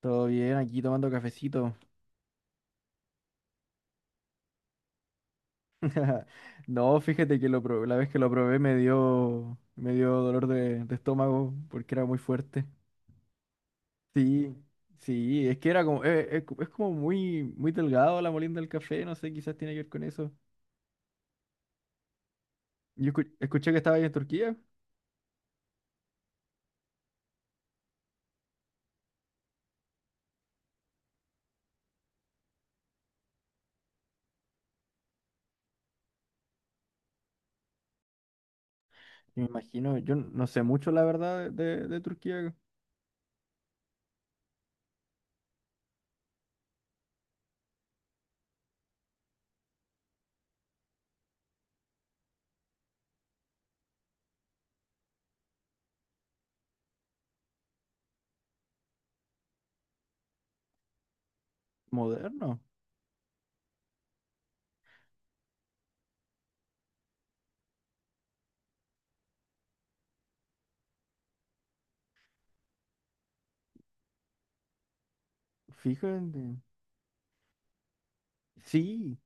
Todo bien, aquí tomando cafecito. No, fíjate que la vez que lo probé me dio dolor de estómago porque era muy fuerte. Sí, sí, es que era como, es como muy delgado la molienda del café, no sé, quizás tiene que ver con eso. Escuché que estaba ahí en Turquía. Me imagino, yo no sé mucho la verdad de Turquía moderno. Fíjate. Sí,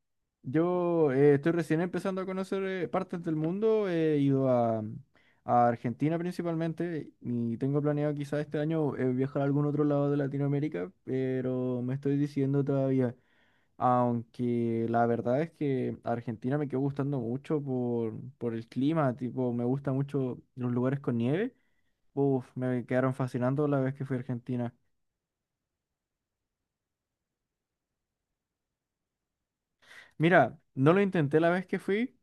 yo estoy recién empezando a conocer partes del mundo. He ido a Argentina principalmente y tengo planeado quizás este año viajar a algún otro lado de Latinoamérica, pero me estoy diciendo todavía, aunque la verdad es que Argentina me quedó gustando mucho por el clima, tipo, me gusta mucho los lugares con nieve. Uf, me quedaron fascinando la vez que fui a Argentina. Mira, no lo intenté la vez que fui.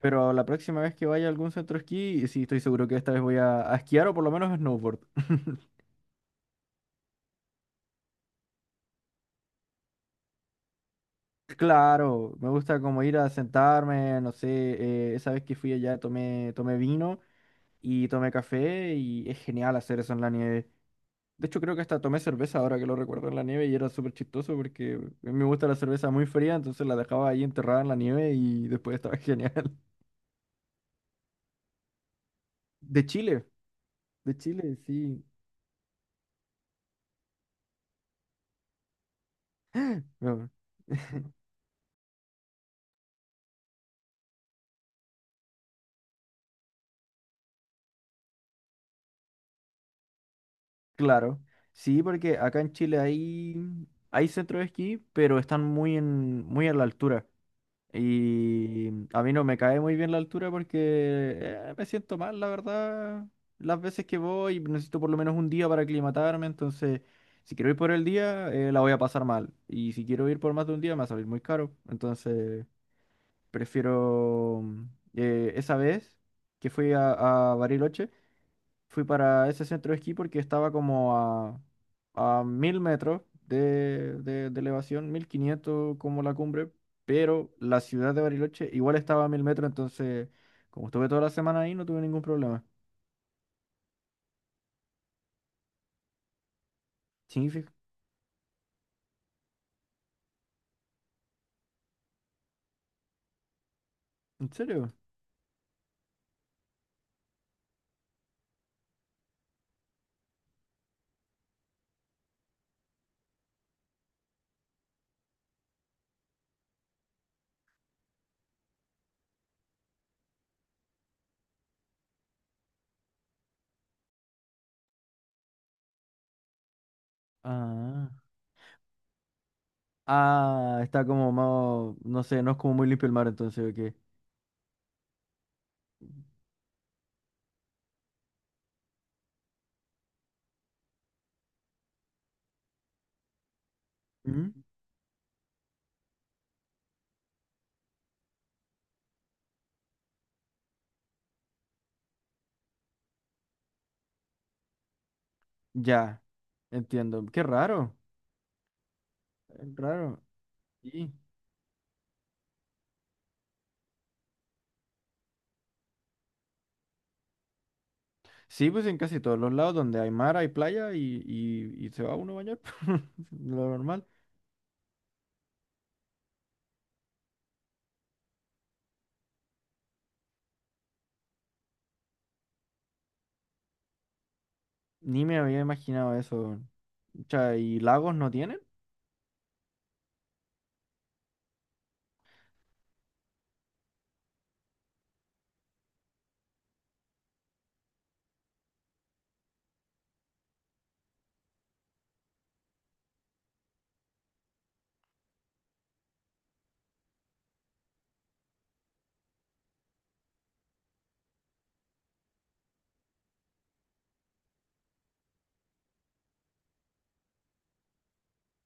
Pero la próxima vez que vaya a algún centro esquí, sí, estoy seguro que esta vez a esquiar o por lo menos a snowboard. Claro, me gusta como ir a sentarme, no sé, esa vez que fui allá tomé vino y tomé café y es genial hacer eso en la nieve. De hecho, creo que hasta tomé cerveza ahora que lo recuerdo en la nieve y era súper chistoso porque a mí me gusta la cerveza muy fría, entonces la dejaba ahí enterrada en la nieve y después estaba genial. De Chile, de Chile, sí. Bueno. Claro, sí, porque acá en Chile hay, hay centros de esquí, pero están muy en la altura. Y a mí no me cae muy bien la altura porque me siento mal, la verdad. Las veces que voy, necesito por lo menos un día para aclimatarme, entonces si quiero ir por el día, la voy a pasar mal. Y si quiero ir por más de un día, me va a salir muy caro. Entonces, prefiero esa vez que fui a Bariloche. Fui para ese centro de esquí porque estaba como a 1000 metros de elevación, 1500 como la cumbre, pero la ciudad de Bariloche igual estaba a 1000 metros, entonces como estuve toda la semana ahí no tuve ningún problema. Sí, ¿en serio? Ah. Ah, está como más, no sé, no es como muy limpio el mar entonces, ¿o qué? Mm, Ya, entiendo. Qué raro, raro. Sí. Sí, pues en casi todos los lados donde hay mar, hay playa y, y se va uno a bañar, lo normal. Ni me había imaginado eso. Cha, ¿y lagos no tienen?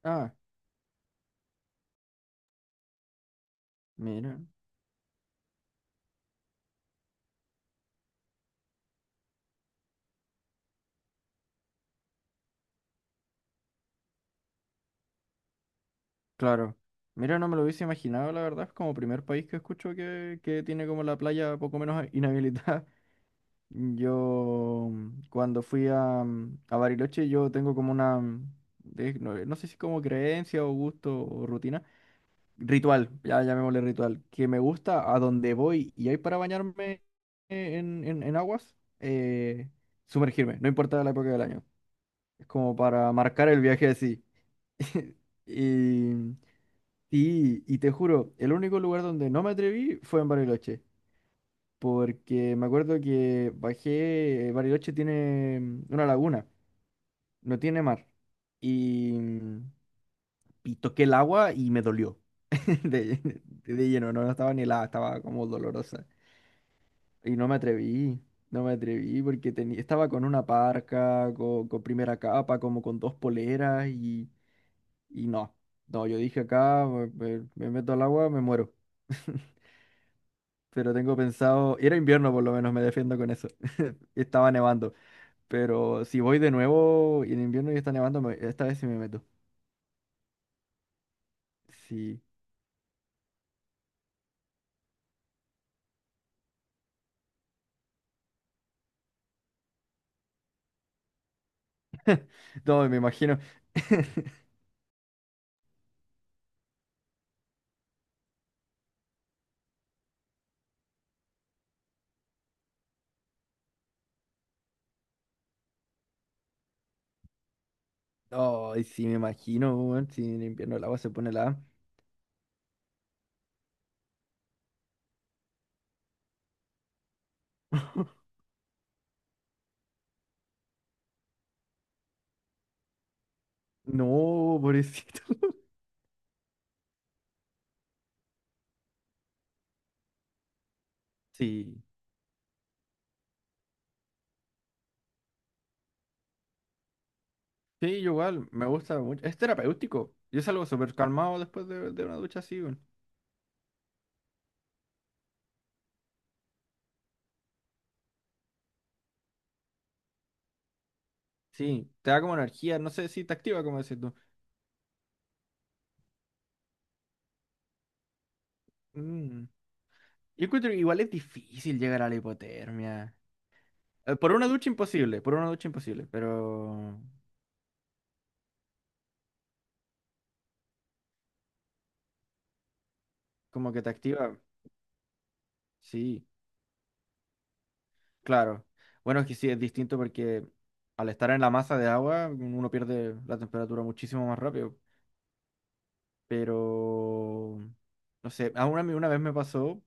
Ah, mira, claro. Mira, no me lo hubiese imaginado, la verdad, es como primer país que escucho que tiene como la playa poco menos inhabilitada. Yo, cuando fui a, a Bariloche, yo tengo como una, no, no sé si como creencia o gusto o rutina. Ritual, ya llamémosle ritual, que me gusta a donde voy y hay para bañarme en, en aguas, sumergirme, no importa la época del año. Es como para marcar el viaje así. Y, y te juro, el único lugar donde no me atreví fue en Bariloche, porque me acuerdo que bajé, Bariloche tiene una laguna, no tiene mar, y, y toqué el agua y me dolió de, de lleno, no, no estaba ni helada, estaba como dolorosa. Y no me atreví, no me atreví porque tenía estaba con una parca, con, primera capa, como con dos poleras y no. No, yo dije acá, me meto al agua, me muero. Pero tengo pensado, era invierno por lo menos, me defiendo con eso. Estaba nevando, pero si voy de nuevo y en invierno y está nevando, esta vez sí me meto. Sí. No, me imagino. No, y sí me imagino, weón, si en invierno el agua se pone la... No, pobrecito. Sí. Sí, igual, me gusta mucho. Es terapéutico. Yo salgo súper calmado después de una ducha así, weón. Sí, te da como energía, no sé si te activa, como decís tú. Mm. Yo encuentro que igual es difícil llegar a la hipotermia. Por una ducha imposible, por una ducha imposible, pero como que te activa. Sí, claro. Bueno, es que sí, es distinto porque al estar en la masa de agua, uno pierde la temperatura muchísimo más rápido. Pero, no sé, a una vez me pasó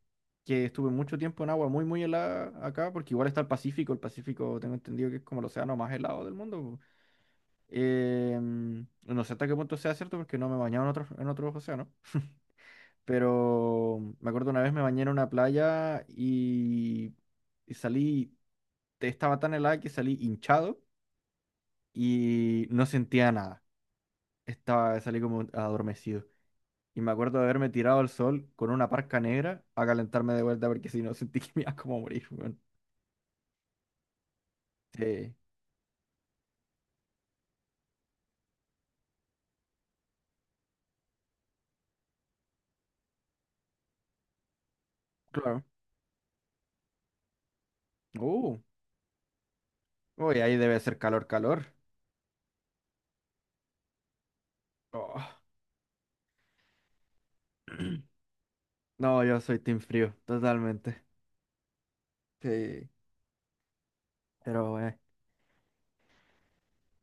que estuve mucho tiempo en agua muy helada acá, porque igual está el Pacífico tengo entendido que es como el océano más helado del mundo. Po. Em, no sé hasta qué punto sea cierto porque no me he bañado en en otros océanos, pero me acuerdo una vez me bañé en una playa y salí, estaba tan helada que salí hinchado y no sentía nada, estaba, salí como adormecido. Y me acuerdo de haberme tirado al sol con una parca negra a calentarme de vuelta porque si no sentí que me iba como a morir, weón. Sí, claro. Uh, uy, ahí debe ser calor, calor. Oh. No, yo soy team frío, totalmente. Sí, pero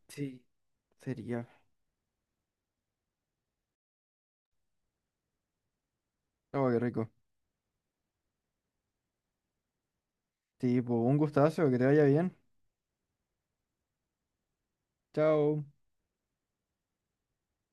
sí, sería. Oh, qué rico. Sí, pues un gustazo, que te vaya bien. Chao.